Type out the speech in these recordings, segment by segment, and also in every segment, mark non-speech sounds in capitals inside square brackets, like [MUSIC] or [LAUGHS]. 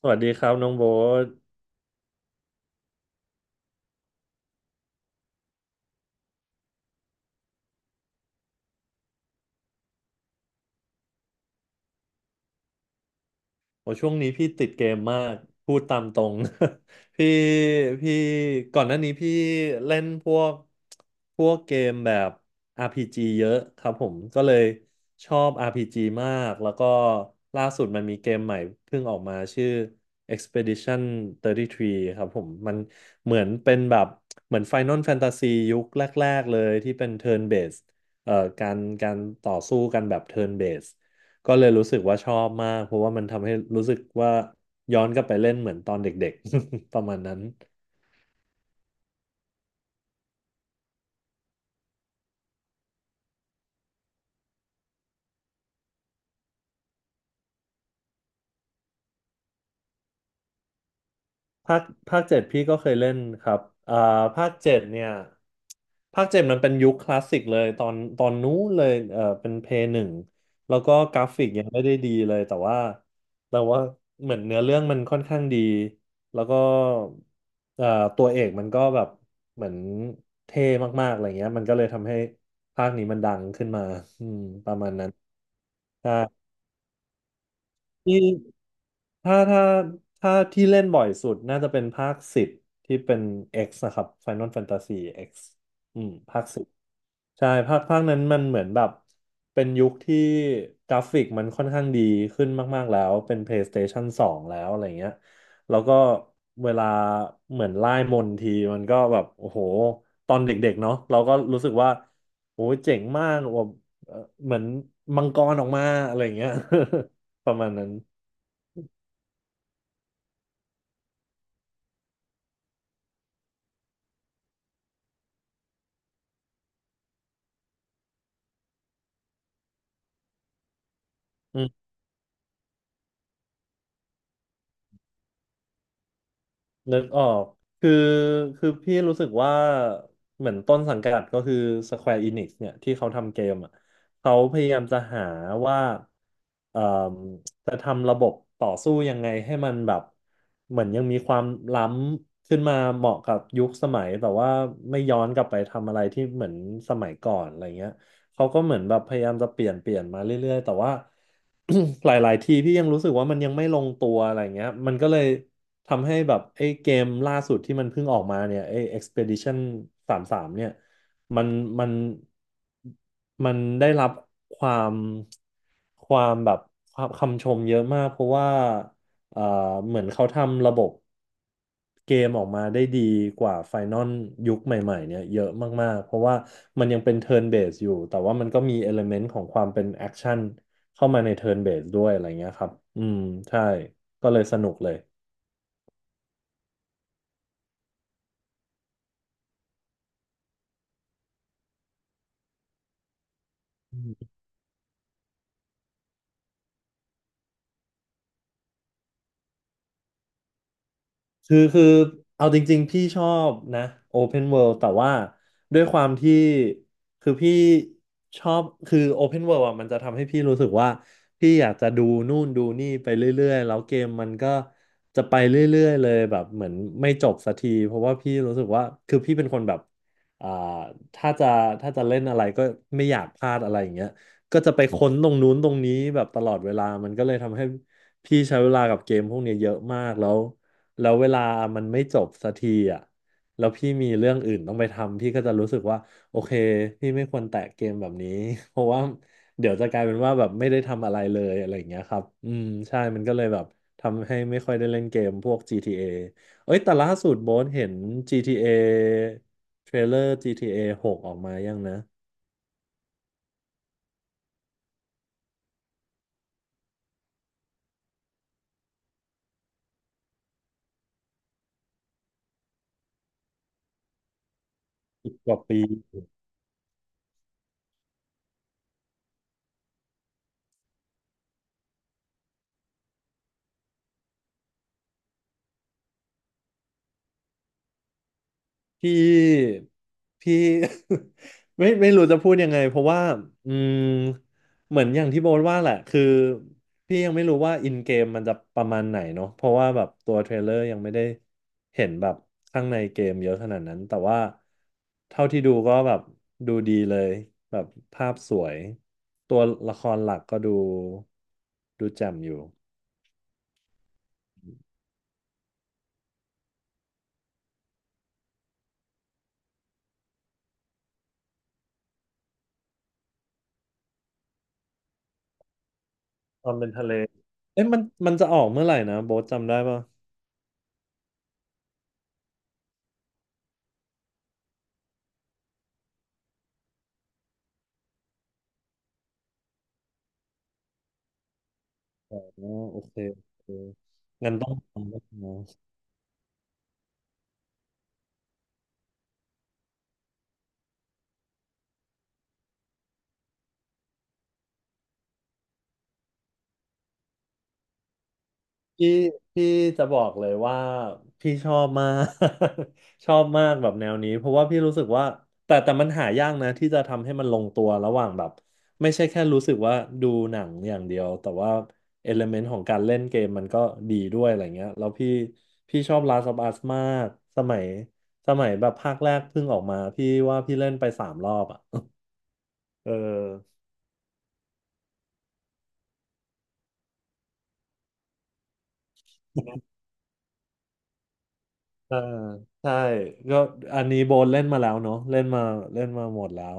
สวัสดีครับน้องโบ๊ทโอช่วงนี้พี่ติดเกมมากพูดตามตรง [LAUGHS] พี่พี่ก่อนหน้านี้พี่เล่นพวกเกมแบบ RPG เยอะครับผมก็เลยชอบ RPG มากแล้วก็ล่าสุดมันมีเกมใหม่เพิ่งออกมาชื่อ Expedition 33ครับผมมันเหมือนเป็นแบบเหมือน Final Fantasy ยุคแรกๆเลยที่เป็น Turn Based เอ่อการต่อสู้กันแบบ Turn Based ก็เลยรู้สึกว่าชอบมากเพราะว่ามันทำให้รู้สึกว่าย้อนกลับไปเล่นเหมือนตอนเด็กๆ [LAUGHS] ประมาณนั้น ภาคภาคเจ็ดพี่ก็เคยเล่นครับอ่าภาคเจ็ดเนี่ยภาคเจ็ดมันเป็นยุคคลาสสิกเลยตอนนู้นเลยเออเป็นเพย์หนึ่งแล้วก็กราฟิกยังไม่ได้ดีเลยแต่ว่าเหมือนเนื้อเรื่องมันค่อนข้างดีแล้วก็เอ่อตัวเอกมันก็แบบเหมือนเท่มากๆอะไรเงี้ยมันก็เลยทำให้ภาคนี้มันดังขึ้นมาอืมประมาณนั้นใช่ ที่ถ้าถ้าที่เล่นบ่อยสุดน่าจะเป็นภาคสิบที่เป็น X นะครับ Final Fantasy X อืมภาคสิบใช่ภาคนั้นมันเหมือนแบบเป็นยุคที่กราฟิกมันค่อนข้างดีขึ้นมากๆแล้วเป็น PlayStation 2แล้วอะไรเงี้ยแล้วก็เวลาเหมือนไล่มนต์ทีมันก็แบบโอ้โหตอนเด็กๆเนาะเราก็รู้สึกว่าโอ้ยเจ๋งมากแบบเอ่อเหมือนมังกรออกมาอะไรเงี้ย [LAUGHS] ประมาณนั้น อืมนึกออกคือคือพี่รู้สึกว่าเหมือนต้นสังกัดก็คือ Square Enix เนี่ย ที่เขาทำเกมอ่ะเขาพยายามจะหาว่าเอ่มจะทำระบบต่อสู้ยังไงให้มันแบบเหมือนยังมีความล้ำขึ้นมาเหมาะกับยุคสมัย แต่ว่าไม่ย้อนกลับไปทำอะไรที่เหมือนสมัยก่อนอะไรเงี้ย เขาก็เหมือนแบบพยายามจะเปลี่ยนมาเรื่อยๆ แต่ว่า [CLEARS THROAT] หลายๆ ทีพี่ยังรู้สึกว่ามันยังไม่ลงตัวอะไรเงี้ยมันก็เลยทำให้แบบไอ้เกมล่าสุดที่มันเพิ่งออกมาเนี่ยไอ้ Expedition 33เนี่ยมันมันมันได้รับความความแบบความคำชมเยอะมากเพราะว่า เอ่อเหมือนเขาทำระบบเกมออกมาได้ดีกว่าไฟนอลยุคใหม่ๆเนี่ยเยอะมากๆเพราะว่ามันยังเป็นเทิร์นเบสอยู่แต่ว่ามันก็มีเอลเมนต์ของความเป็นแอคชั่นเข้ามาในเทิร์นเบสด้วยอะไรเงี้ยครับอืมใช่ก็เลยสนุกเลย คือเอาจริงๆพี่ชอบนะ Open World แต่ว่าด้วยความที่คือพี่ชอบคือ Open World อ่ะมันจะทำให้พี่รู้สึกว่าพี่อยากจะดูนู่นดูนี่ไปเรื่อยๆแล้วเกมมันก็จะไปเรื่อยๆเลยแบบเหมือนไม่จบสักทีเพราะว่าพี่รู้สึกว่าคือพี่เป็นคนแบบอ่าถ้าจะถ้าจะเล่นอะไรก็ไม่อยากพลาดอะไรอย่างเงี้ยก็จะไปค้นตรงนู้นตรงนี้แบบตลอดเวลามันก็เลยทำให้พี่ใช้เวลากับเกมพวกเนี้ยเยอะมากแล้ว แล้วเวลามันไม่จบสักทีอ่ะแล้วพี่มีเรื่องอื่นต้องไปทำพี่ก็จะรู้สึกว่าโอเคพี่ไม่ควรแตะเกมแบบนี้ [LAUGHS] เพราะว่าเดี๋ยวจะกลายเป็นว่าแบบไม่ได้ทำอะไรเลยอะไรอย่างเงี้ยครับอืมใช่มันก็เลยแบบทำให้ไม่ค่อยได้เล่นเกมพวก GTA เอเอ้ยแต่ล่าสุดโบนเห็น GTA เอเทรลเลอร์ GTA 6อหกออกมายังนะอีกกว่าปี พี่พี่ [LAUGHS] ไม่รู้จะพูดยังไงเพราะว่าอืมเหมือนอย่างที่โบทว่าแหละคือพี่ยังไม่รู้ว่าอินเกมมันจะประมาณไหนเนาะเพราะว่าแบบตัวเทรลเลอร์ยังไม่ได้เห็นแบบข้างในเกมเยอะขนาดนั้นแต่ว่าเท่าที่ดูก็แบบดูดีเลยแบบภาพสวยตัวละครหลักก็ดูแจ่มอยู่ตอนเป็นทะเลเอ๊ะมันจะออกเมื่อไหร่นะโบ๊ทจำได้ปะ อ๋อโอเคงั้นต้องทำแล้วนะพี่พี่จะบอกเลยว่าพี่ชอบมาก [LAUGHS] ชอบมากแบบแนวนี้ เพราะว่าพี่รู้สึกว่าแต่มันหายากนะที่จะทำให้มันลงตัวระหว่างแบบไม่ใช่แค่รู้สึกว่าดูหนังอย่างเดียวแต่ว่าเอลเมนต์ของการเล่นเกมมันก็ดีด้วยอะไรเงี้ยแล้วพี่ชอบ Last of Us มากสมัยสมัยแบบภาคแรกเพิ่งออกมาพี่ว่าพี่เล่นไป3 รอบอ่ะเออ เอ่ใช่ก็อันนี้โบนเล่นมาแล้วเนาะเล่นมาหมดแล้ว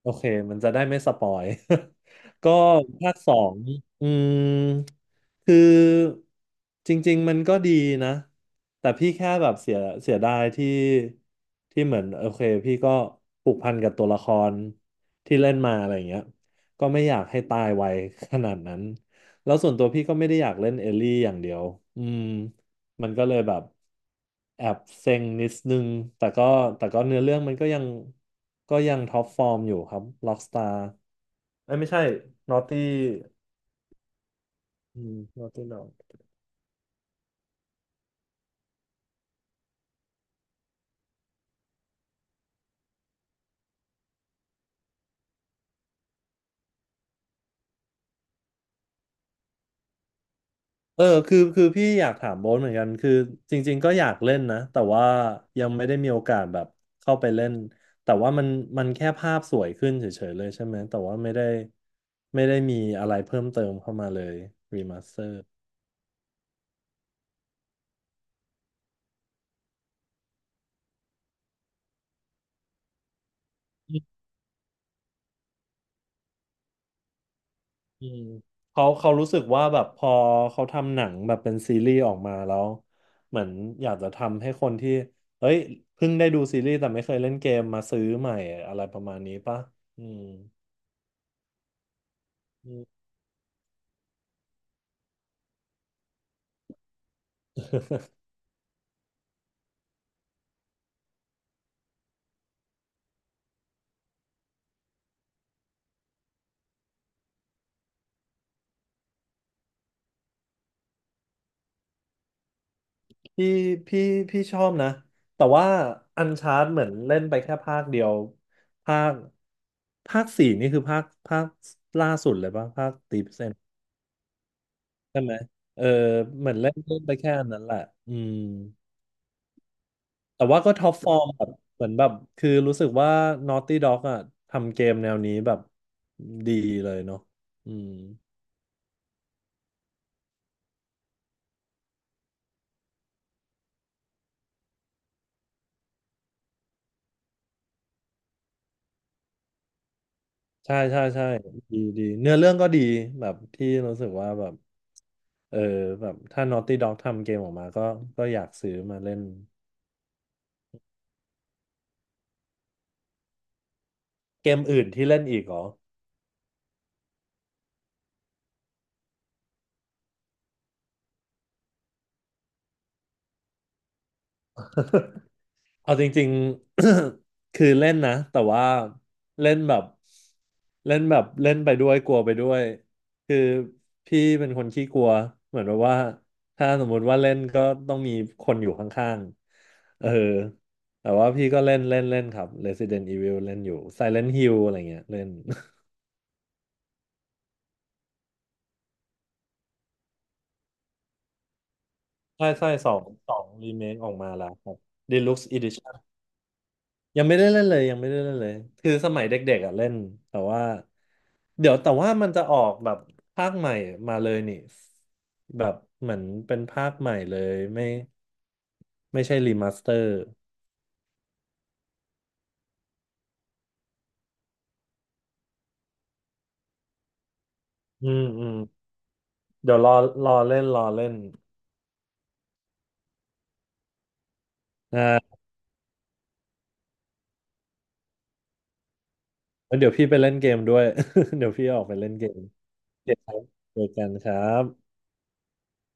โอเคมันจะได้ไม่สปอย [LAUGHS] ก็ภาคสองอืมคือจริงๆมันก็ดีนะแต่พี่แค่แบบเสียดายที่เหมือนโอเคพี่ก็ผูกพันกับตัวละครที่เล่นมาอะไรอย่างเงี้ยก็ไม่อยากให้ตายไวขนาดนั้นแล้วส่วนตัวพี่ก็ไม่ได้อยากเล่นเอลลี่อย่างเดียวอืม มันก็เลยแบบแอบเซ็งนิดนึงแต่ก็เนื้อเรื่องมันก็ยังท็อปฟอร์มอยู่ครับล็อกสตาร์เอ้ยไม่ใช่นอตตี้อืมนอตตี้นอเออคือพี่อยากถามโบ๊ทเหมือนกันคือจริงๆก็อยากเล่นนะแต่ว่ายังไม่ได้มีโอกาสแบบเข้าไปเล่นแต่ว่ามันแค่ภาพสวยขึ้นเฉยๆเลยใช่ไหมแต่ว่าไม่ได้มีอะไรเพิ่มเติมเข้ามาเลยรีมาสเตอร์ อืมเขารู้สึกว่าแบบพอเขาทำหนังแบบเป็นซีรีส์ออกมาแล้วเหมือนอยากจะทำให้คนที่เอ้ยเพิ่งได้ดูซีรีส์แต่ไม่เคยเล่นเกมมาซื้อใหม่อะไรประมาณนี้ป่ะอืมอืม [LAUGHS] พี่พี่ชอบนะแต่ว่าอันชาร์ d เหมือนเล่นไปแค่ภาคเดียวภาคสี่นี่คือภาคใช่ไหมเออเหมือนเล่นเล่นไปแค่อันนั้นแหละอืม แต่ว่าก็ท็อปฟอร์มแบบเหมือนแบบคือรู้สึกว่า Naughty Dog อ่ะทำเกมแนวนี้แบบดีเลยเนาะอืมใช่ดีเนื้อเรื่องก็ดีแบบที่รู้สึกว่าแบบเออแบบถ้า Naughty Dog ทำเกมออกมาก็อยากซื้อมาเล่นเกมอื่นที่เล่นอีกเหรอ เอาจริงๆ [COUGHS] คือเล่นนะแต่ว่าเล่นแบบเล่นแบบเล่นไปด้วยกลัวไปด้วยคือพี่เป็นคนขี้กลัวเหมือนแบบว่าถ้าสมมุติว่าเล่นก็ต้องมีคนอยู่ข้างๆเออแต่ว่าพี่ก็เล่นเล่นเล่นครับ Resident Evil เล่นอยู่ Silent Hill อะไรเงี้ยเล่น [LAUGHS] ใช่ใช่สองสองรีเมคออกมาแล้วครับ Deluxe Edition ยังไม่ได้เล่นเลยยังไม่ได้เล่นเลยคือสมัยเด็กๆอ่ะเล่นแต่ว่า เดี๋ยวแต่ว่ามันจะออกแบบภาคใหม่มาเลยนี่แบบเหมือนเป็นภาคใหม่เลยไม่ใช่รีมาสเตอร์อืมอืมเดี๋ยวรอรอเล่นอ่าแล้วเดี๋ยวพี่ไปเล่นเกมด้วย [LAUGHS] เดี๋ยวพี่ออกไปเล่นเกมโอเคครับเจอกันครับ